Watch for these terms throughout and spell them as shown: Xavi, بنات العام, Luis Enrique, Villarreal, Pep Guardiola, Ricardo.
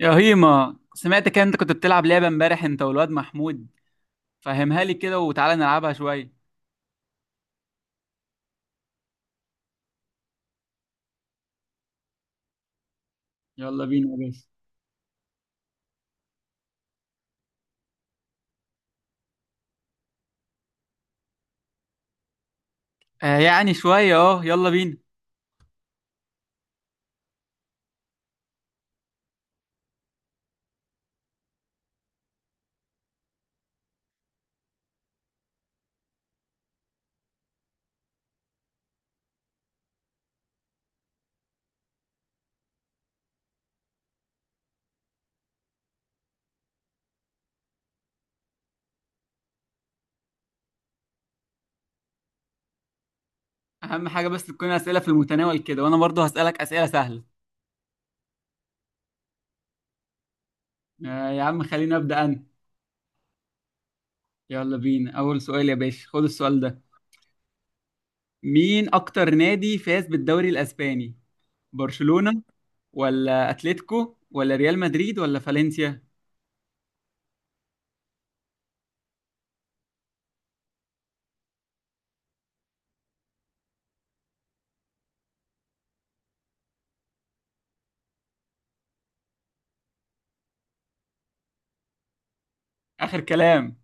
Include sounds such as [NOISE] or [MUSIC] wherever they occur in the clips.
يا هيما، سمعتك انت كنت بتلعب لعبة امبارح انت والواد محمود. فهمها لي كده وتعالى نلعبها شوية. يلا بينا يا باشا. آه يعني شوية، اه يلا بينا. اهم حاجة بس تكون اسئلة في المتناول كده، وانا برضو هسألك اسئلة سهلة. آه يا عم، خليني ابدأ انا. يلا بينا. اول سؤال يا باشا، خد السؤال ده. مين اكتر نادي فاز بالدوري الاسباني؟ برشلونة ولا اتلتيكو ولا ريال مدريد ولا فالنسيا؟ اخر كلام؟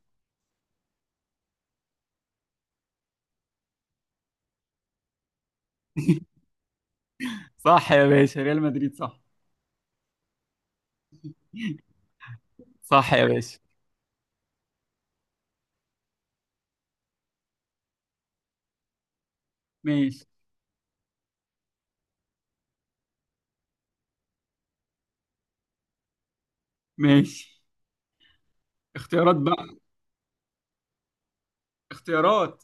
[LAUGHS] صح يا باشا، ريال مدريد صح. صح يا باشا. ماشي. ماشي. اختيارات بقى. اختيارات.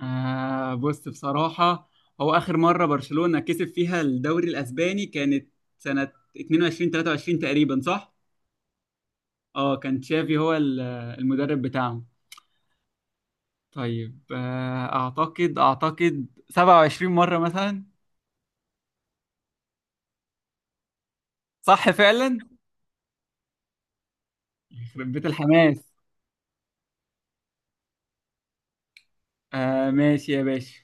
آه، بص بصراحة، هو آخر مرة برشلونة كسب فيها الدوري الأسباني كانت سنة 22 23 تقريبا، صح؟ اه، كان تشافي هو المدرب بتاعهم. طيب، أعتقد 27 مرة مثلا. صح فعلا؟ يخرب بيت الحماس. آه، ماشي يا باشا.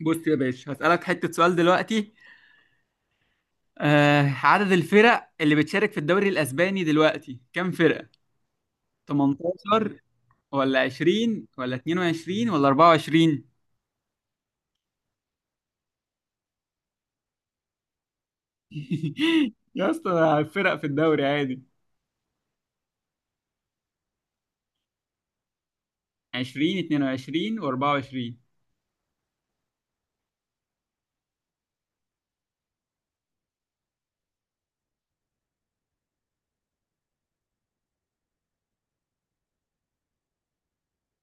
بص يا باشا، هسألك حتة سؤال دلوقتي. آه، عدد الفرق اللي بتشارك في الدوري الأسباني دلوقتي كام فرقة؟ 18 ولا 20 ولا 22 ولا 24؟ [LAUGHS] يا اسطى فرق في الدوري عادي. 20، 22 و24.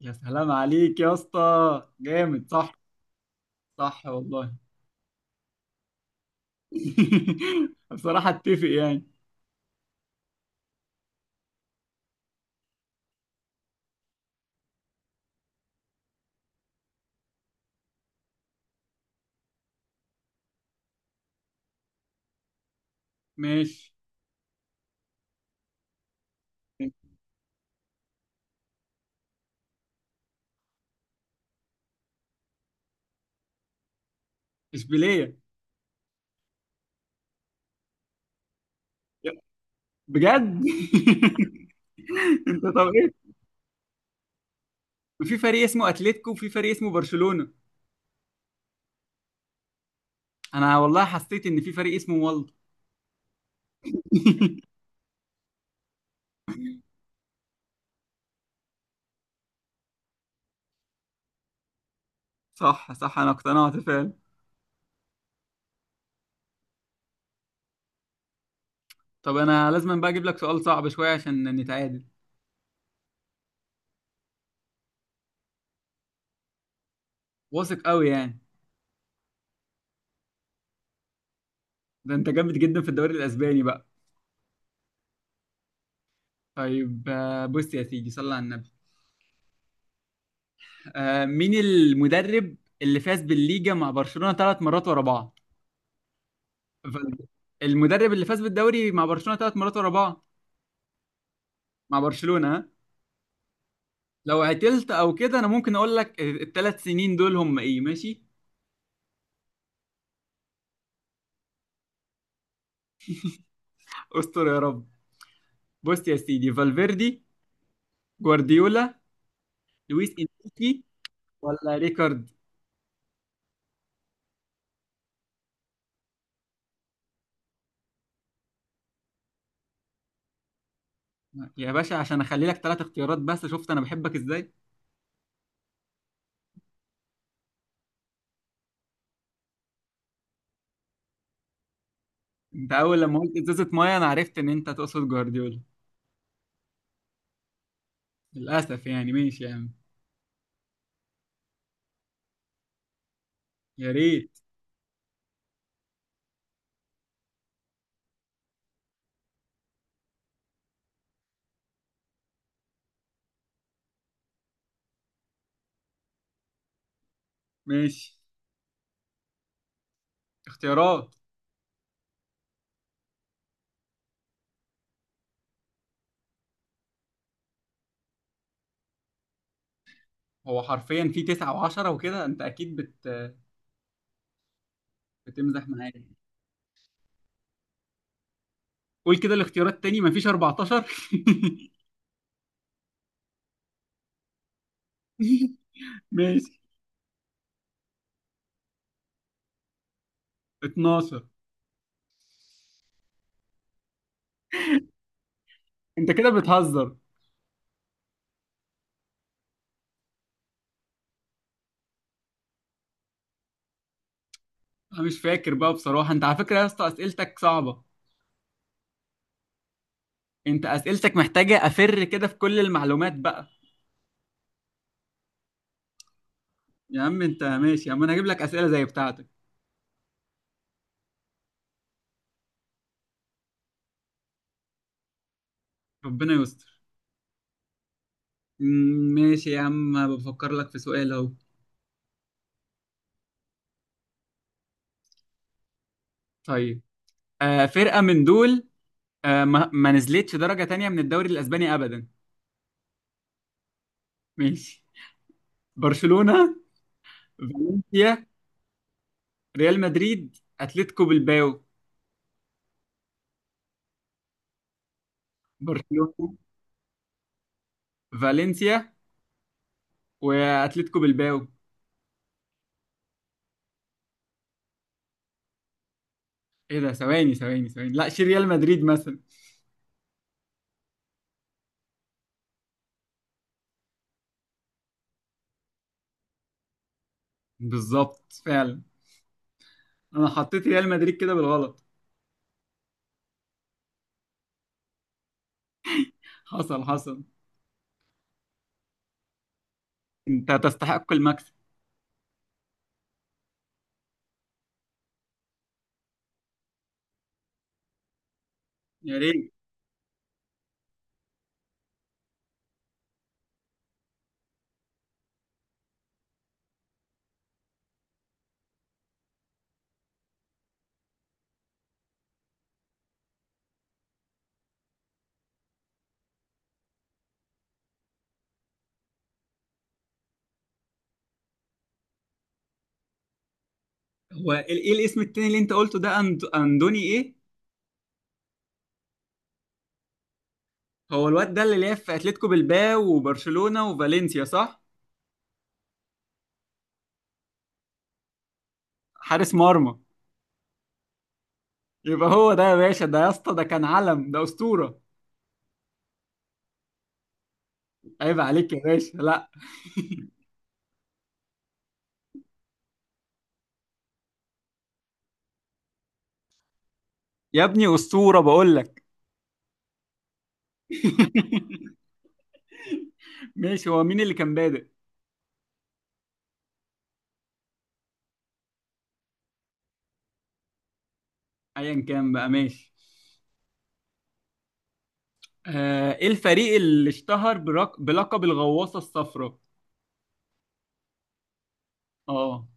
يا سلام عليك يا اسطى. جامد، صح. صح والله. [LAUGHS] بصراحة اتفق يعني. ماشي. اشبيلية. بجد؟ [LAUGHS] انت طب ايه؟ في فريق اسمه اتلتيكو وفي فريق اسمه برشلونة. انا والله حسيت ان في فريق اسمه، والله. [LAUGHS] صح، صح، انا اقتنعت فعلا. طب انا لازم بقى اجيب لك سؤال صعب شويه عشان نتعادل. واثق قوي يعني؟ ده انت جامد جدا في الدوري الاسباني بقى. طيب، بص يا سيدي صلى على النبي. مين المدرب اللي فاز بالليجا مع برشلونه ثلاث مرات ورا بعض؟ فالدي. المدرب اللي فاز بالدوري مع برشلونه ثلاث مرات ورا بعض. مع برشلونه، ها؟ لو عتلت او كده، انا ممكن اقول لك الثلاث سنين دول هم ايه، ماشي. استر يا رب. بص يا سيدي، فالفيردي، جوارديولا، لويس انريكي، ولا ريكارد؟ يا باشا عشان اخلي لك ثلاث اختيارات بس، شفت انا بحبك ازاي. انت اول لما قلت ازازه ميه، انا عرفت ان انت تقصد جوارديولا. للاسف يعني، ماشي يا عم. يا ريت. ماشي. اختيارات. هو حرفيا في تسعة وعشرة وكده، انت اكيد بتمزح معايا. قول كده الاختيارات تاني، مفيش 14. [LAUGHS] ماشي. 12. انت كده بتهزر. انا مش فاكر بقى بصراحة. انت على فكرة يا اسطى اسئلتك صعبة. انت اسئلتك محتاجة افر كده في كل المعلومات بقى. يا عم انت، ماشي يا عم، انا هجيب لك اسئلة زي بتاعتك. ربنا يستر. ماشي يا عم بفكر لك في سؤال اهو. طيب. فرقة من دول، ما نزلتش درجة تانية من الدوري الأسباني أبدا. ماشي. برشلونة، فالنسيا، ريال مدريد، أتلتيكو بالباو. برشلونة، فالنسيا، وأتلتيكو بالباو. إيه ده، ثواني ثواني ثواني، لا شيل ريال مدريد مثلا. بالظبط فعلا. أنا حطيت ريال مدريد كده بالغلط. حصل، حصل. أنت تستحق المكسب. يا ريت. هو ايه الاسم التاني اللي انت قلته ده، اندوني ايه؟ هو الواد ده اللي لعب في اتلتيكو بلباو وبرشلونة وفالنسيا، صح؟ حارس مرمى. يبقى هو ده يا باشا، ده يا اسطى ده كان علم، ده اسطورة. عيب عليك يا باشا، لا. يا ابني اسطورة بقول لك. [LAUGHS] ماشي، هو مين اللي كان بادئ؟ ايا كان بقى، ماشي. ايه الفريق اللي اشتهر بلقب الغواصة الصفراء؟ اه.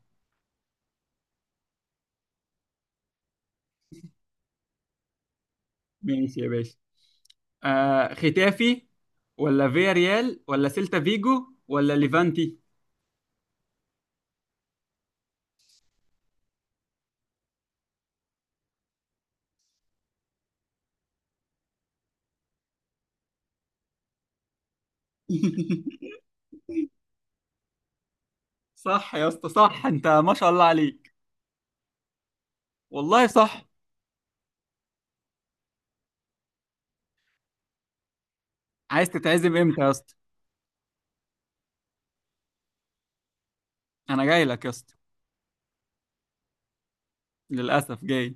ماشي يا باشا. ختافي ولا فياريال ولا سيلتا فيجو ولا ليفانتي؟ [LAUGHS] صح يا اسطى، صح، انت ما شاء الله عليك. والله صح. عايز تتعزم امتى يا اسطى؟ انا جاي لك يا اسطى. للاسف جاي.